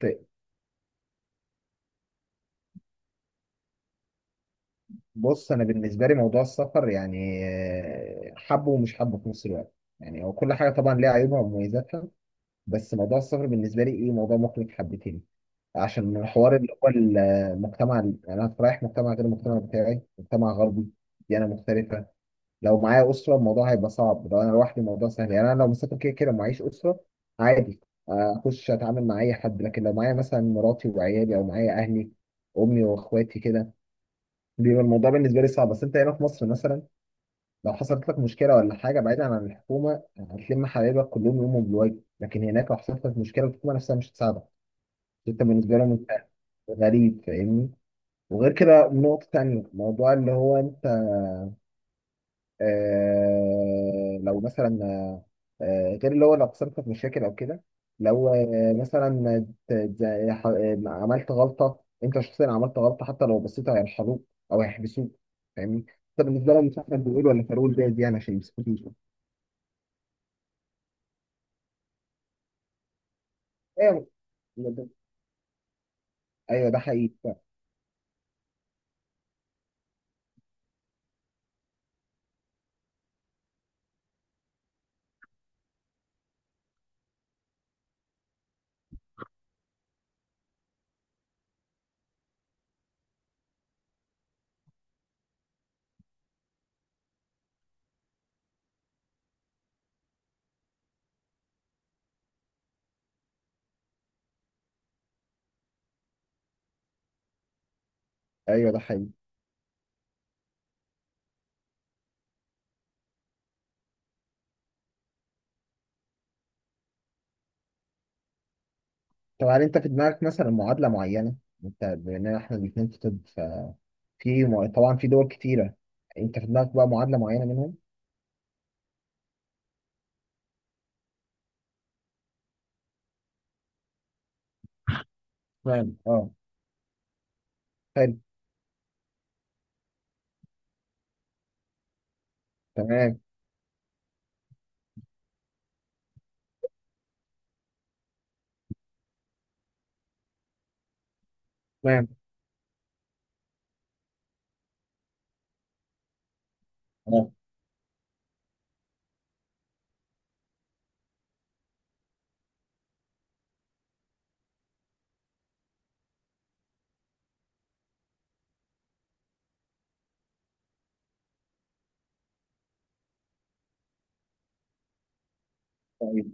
طيب. بص، انا بالنسبه لي موضوع السفر يعني حبه ومش حبه في نفس الوقت. يعني هو كل حاجه طبعا ليها عيوبها ومميزاتها. بس موضوع السفر بالنسبه لي ايه، موضوع مقلق حبتين. عشان حوار اللي هو المجتمع، يعني انا رايح مجتمع غير المجتمع بتاعي، مجتمع غربي، ديانه مختلفه. لو معايا اسره الموضوع هيبقى صعب، لو انا لوحدي الموضوع سهل. يعني انا لو مسافر كده كده ومعيش اسره عادي، اخش اتعامل مع اي حد. لكن لو معايا مثلا مراتي وعيالي او معايا اهلي، امي واخواتي كده، بيبقى الموضوع بالنسبه لي صعب. بس انت هنا في مصر مثلا، لو حصلت لك مشكله ولا حاجه بعيدا عن الحكومه هتلم حبايبك كلهم يقوموا بالواجب. لكن هناك لو حصلت لك مشكله الحكومه نفسها مش هتساعدك. انت بالنسبه لهم انت غريب، فاهمني؟ وغير كده نقطه تانيه، موضوع اللي هو انت آه لو مثلا آه غير اللي هو لو خسرت في مشاكل او كده، لو آه مثلا عملت غلطه، انت شخصيا عملت غلطه حتى لو بسيطه هيرحلوك او هيحبسوك. فاهمني؟ انت بالنسبه لهم مش احمد بيقول ولا فاروق، ده دي انا عشان يمسكوني. ايوه، ايوه ده حقيقي. ايوه ده حقيقي. طب هل انت في دماغك مثلا معادله معينه؟ انت بما ان احنا الاثنين في طب ففي طبعا في دول كتيره، انت في دماغك بقى معادله معينه منهم؟ نعم اه. تمام. تمام. انا. طيب.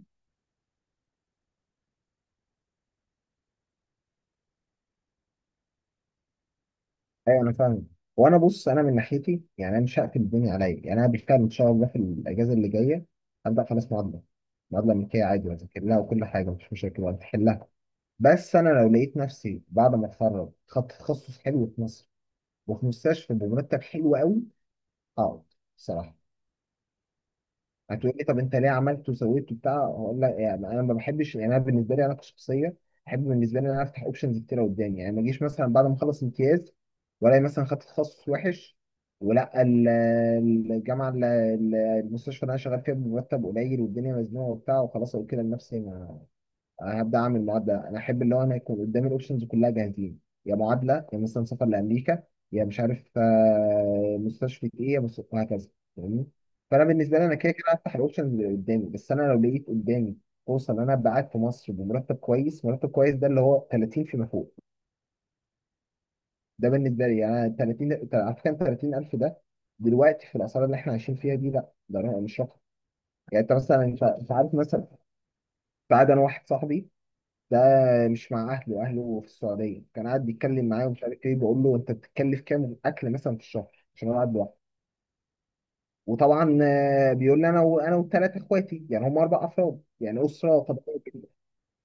ايوه انا فاهم. وانا بص، انا من ناحيتي يعني انا مش هقفل الدنيا عليا. يعني انا بالفعل ان شاء الله في الاجازه اللي جايه هبدا خلاص معادله، معادله امريكيه عادي واذاكر لها وكل حاجه مش مشاكل وهتحلها. بس انا لو لقيت نفسي بعد ما اتخرج خدت تخصص حلو في مصر وفي مستشفى بمرتب حلو قوي هقعد. الصراحه، هتقول لي طب انت ليه عملت وسويت وبتاع؟ هقول لك يعني انا ما بحبش، يعني انا بالنسبه لي انا كشخصيه احب بالنسبه لي ان انا افتح اوبشنز كتيره قدامي. يعني ما اجيش مثلا بعد ما اخلص امتياز والاقي مثلا خدت تخصص وحش ولا الجامعه، المستشفى اللي انا شغال فيها بمرتب قليل والدنيا مزنوقه وبتاع، وخلاص اقول كده لنفسي انا هبدا اعمل معادله. انا احب اللي هو انا يكون قدامي الاوبشنز كلها جاهزين، يا معادله يا مثلا سفر لامريكا يا مش عارف مستشفى ايه يا وهكذا، فاهمني؟ فانا بالنسبه لي انا كده كده هفتح الاوبشنز اللي قدامي. بس انا لو لقيت قدامي فرصه ان انا ابقى قاعد في مصر بمرتب كويس، مرتب كويس ده اللي هو 30 فيما فوق، ده بالنسبه لي يعني. 30 على فكره، 30,000 ده دلوقتي في الاسعار اللي احنا عايشين فيها دي لا، ده مش رقم. يعني انت مثلا، انت انت عارف مثلا، بعد انا واحد صاحبي ده مش مع اهله، اهله في السعوديه، كان قاعد بيتكلم معايا ومش عارف ايه، بقول له انت بتتكلف كام اكل مثلا في الشهر عشان انا قاعد لوحدي. وطبعا بيقول لي انا انا والثلاث اخواتي، يعني هم اربع افراد، يعني اسره طبيعيه جدا.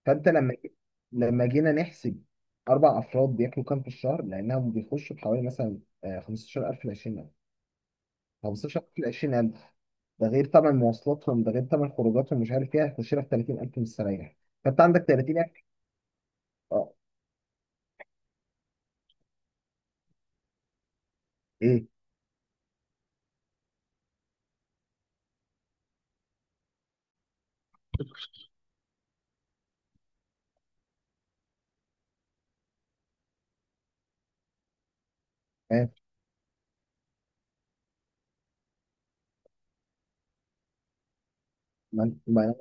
فانت لما، لما جينا نحسب اربع افراد بياكلوا كام في الشهر، لانهم بيخشوا بحوالي مثلا 15,000 ل 20,000، 15,000 ل 20,000. ده غير طبعا مواصلاتهم، ده غير طبعا خروجاتهم مش عارف ايه، هيخش لك 30,000 مستريح. فانت عندك 30,000. اه. ايه. آه، ما ما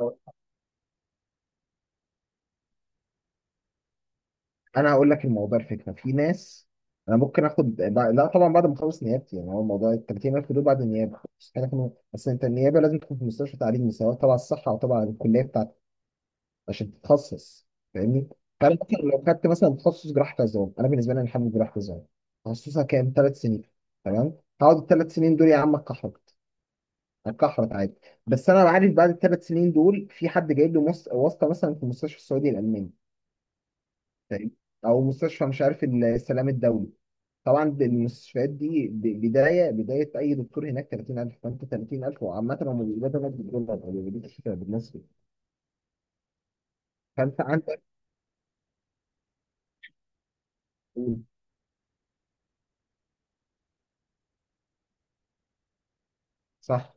انا هقول لك الموضوع، الفكره في ناس انا ممكن اخد لا طبعا بعد ما اخلص نيابتي. يعني هو موضوع ال 30,000 دول بعد النيابه، مستحيل اكون. بس انت النيابه لازم تكون في مستشفى تعليمي سواء تبع الصحه او تبع الكليه بتاعتك عشان تتخصص، فاهمني؟ فانا مثلا لو خدت مثلا تخصص جراحه عظام، انا بالنسبه لي انا حابب جراحه عظام، تخصصها كام؟ ثلاث سنين. تمام. هقعد الثلاث سنين دول يا عم اتكحرت، اتكحرت عادي. بس انا عارف بعد الثلاث سنين دول في حد جايب له واسطه مثلا في المستشفى السعودي الالماني، فاهمني؟ او مستشفى مش عارف السلام الدولي. طبعا المستشفيات دي بدايه اي دكتور هناك 30,000، فانت 30,000. وعامه هم بيقبضوا هناك بالدولار ما بيقبضوش بالمصري، فانت عندك. صح.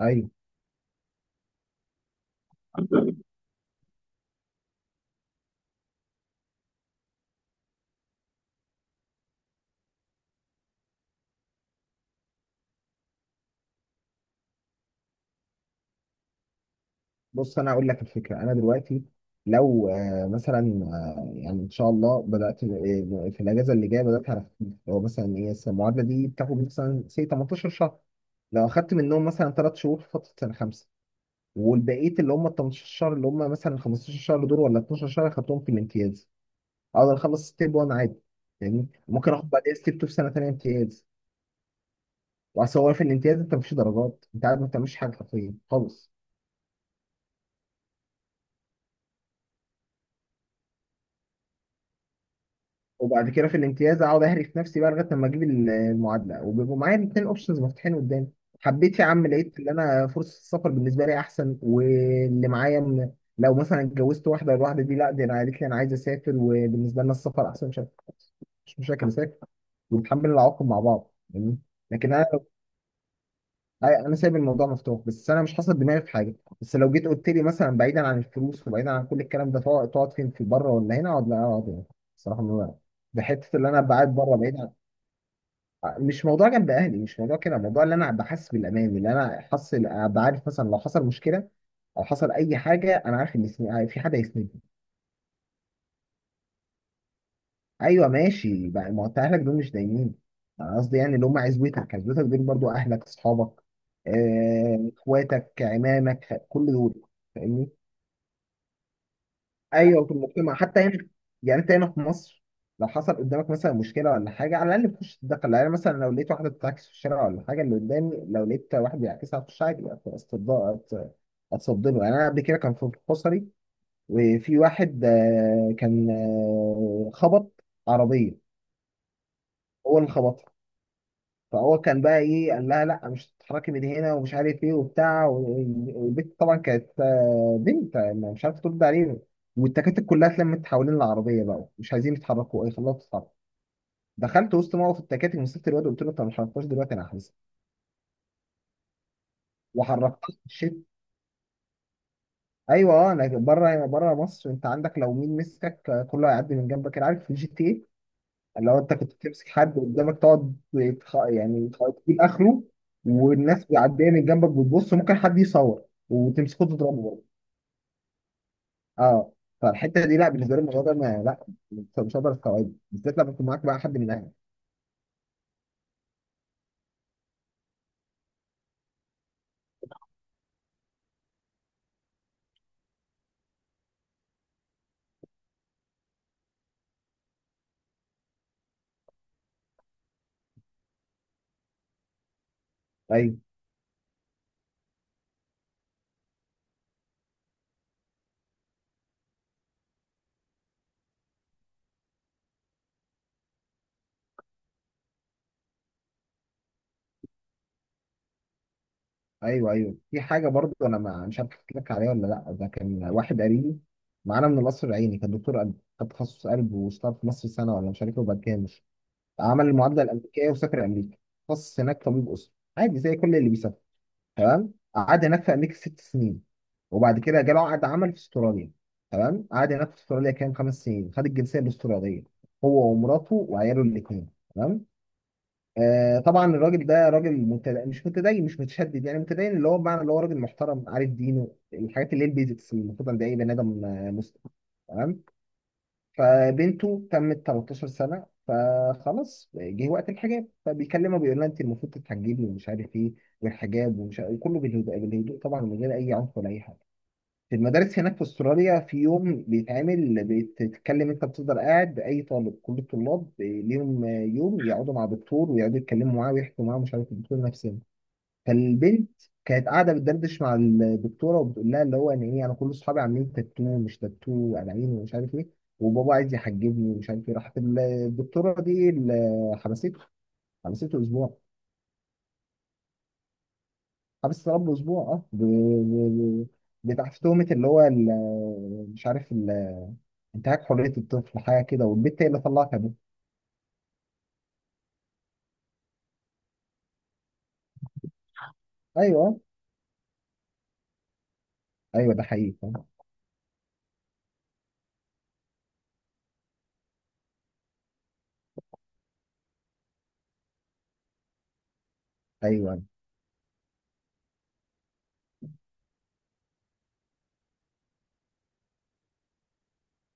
ايوه. بص انا اقول لك الفكره. انا دلوقتي لو مثلا يعني ان شاء الله بدات في الاجازه اللي جايه بدات على خفيف، هو مثلا ايه، بس المعادله دي بتاخد مثلا سي 18 شهر. لو اخدت منهم مثلا 3 شهور في فتره سنه خمسه، والبقيه اللي هم ال 18 شهر اللي هم مثلا 15 شهر دول ولا 12 شهر اخدتهم في الامتياز، اقدر اخلص ستيب 1 عادي. يعني ممكن اخد بعديها ستيب 2 في سنه ثانيه امتياز. واصل هو في الامتياز انت مفيش درجات، انت قاعد ما بتعملش حاجه حرفيا خالص. وبعد كده في الامتياز اقعد اهري في نفسي بقى لغايه لما اجيب المعادله، وبيبقوا معايا الاثنين اوبشنز مفتوحين قدامي. حبيت يا عم، لقيت ان انا فرصه السفر بالنسبه لي احسن واللي معايا من، لو مثلا اتجوزت واحده الواحده دي لا دي انا قالت لي انا عايز اسافر وبالنسبه لنا السفر احسن مش مشاكل، اسافر ونتحمل العواقب مع بعض يعني. لكن انا، انا سايب الموضوع مفتوح بس انا مش حاصل دماغي في حاجه. بس لو جيت قلت لي مثلا بعيدا عن الفلوس وبعيدا عن كل الكلام ده تقعد، تقعد فين، في بره ولا هنا؟ اقعد، لا اقعد هنا. الصراحه بحته اللي انا أبقى قاعد بره بعيد عن. مش موضوع جنب اهلي، مش موضوع كده، موضوع اللي انا أبقى حاسس بالامان، اللي انا حاسس أبقى عارف مثلا لو حصل مشكله او حصل اي حاجه انا عارف ان في، في حد هيسندني. ايوه ماشي بقى، ما هو انت اهلك دول مش دايمين. انا قصدي يعني اللي هم عزوتك، عزوتك دول برضو اهلك، اصحابك، اخواتك، عمامك، كل دول، فاهمني؟ ايوه، في المجتمع حتى هنا. يعني انت هنا في مصر لو حصل قدامك مثلا مشكله ولا حاجه على الاقل تخش تتدخل. يعني مثلا لو لقيت واحده بتعكس في الشارع ولا حاجه اللي قدامي لو لقيت واحد بيعكسها هخش عادي اتصدمه، اتصدمه. يعني انا قبل كده كان في حصري وفي واحد كان خبط عربيه، هو اللي خبطها. فهو كان بقى ايه، قال لها لا مش هتتحركي من هنا ومش عارف ايه وبتاع والبنت طبعا كانت بنت مش عارفه ترد عليه. والتكاتك كلها اتلمت حوالين العربيه بقى مش عايزين يتحركوا، ايه خلاها تتحرك. دخلت وسط موقف التكاتك، مسكت الواد قلت له انت ما حركتهاش دلوقتي انا هحبسك، وحركتها الشيت. ايوه، اه انا بره، بره مصر انت عندك لو مين مسكك كله هيعدي من جنبك. أنا عارف في الجي تي إيه، لو انت كنت بتمسك حد قدامك تقعد تجيب اخره، والناس بيعديها من جنبك بتبص، ممكن حد يصور وتمسكه تضربه برضه. اه. فالحته دي لا، بالنسبه لي الموضوع ده انا لا مش، هقدر استوعبه بالذات لما يكون معاك بقى حد من اهلك. ايوه ايوه، في حاجه برضه انا ما مش عارف احكي لك عليها ولا لا. ده كان واحد قريبي معانا من القصر العيني، كان دكتور قلب. خد تخصص قلب واشتغل في مصر سنه ولا مش عارف ايه، وبعد كده مش عمل المعادله الامريكيه وسافر امريكا. تخصص هناك طبيب اسره عادي زي كل اللي بيسافر. تمام. قعد هناك في امريكا ست سنين، وبعد كده جاله عقد عمل في استراليا. تمام. قعد هناك في استراليا كام، خمس سنين، خد الجنسيه الاستراليه هو ومراته وعياله الاثنين. تمام. آه طبعا الراجل ده راجل مش متدين، مش متشدد، يعني متدين اللي هو بمعنى اللي هو راجل محترم عارف دينه، الحاجات اللي هي البيزكس اللي المفروض عند اي بني ادم مسلم. تمام. فبنته تمت 13 سنة فخلاص جه وقت الحجاب، فبيكلمها بيقول لها انت المفروض تتحجبي ومش عارف ايه والحجاب ومش عارف، وكله بالهدوء، بالهدوء طبعا من غير اي عنف ولا اي حاجة. في المدارس هناك في استراليا في يوم بيتعمل، بتتكلم انت بتفضل قاعد، اي طالب كل الطلاب ليهم يوم يقعدوا مع دكتور ويقعدوا يتكلموا معاه ويحكوا معاه مش عارف. الدكتور نفسه كان بنت، كانت قاعده بتدردش مع الدكتوره وبتقول لها اللي هو ان ايه، انا كل اصحابي عاملين تاتو مش تاتو انانين ومش عارف ايه، وبابا عايز يحجبني ومش عارف ايه. راحت الدكتوره دي اللي، حبسته. حبسته اسبوع. حبس رب اسبوع اه، بتاع في تهمه اللي هو مش عارف انتهاك حريه الطفل حاجه كده، والبنت هي اللي طلعت ابوه. ايوه، ايوه ده حقيقي أه، ايوه.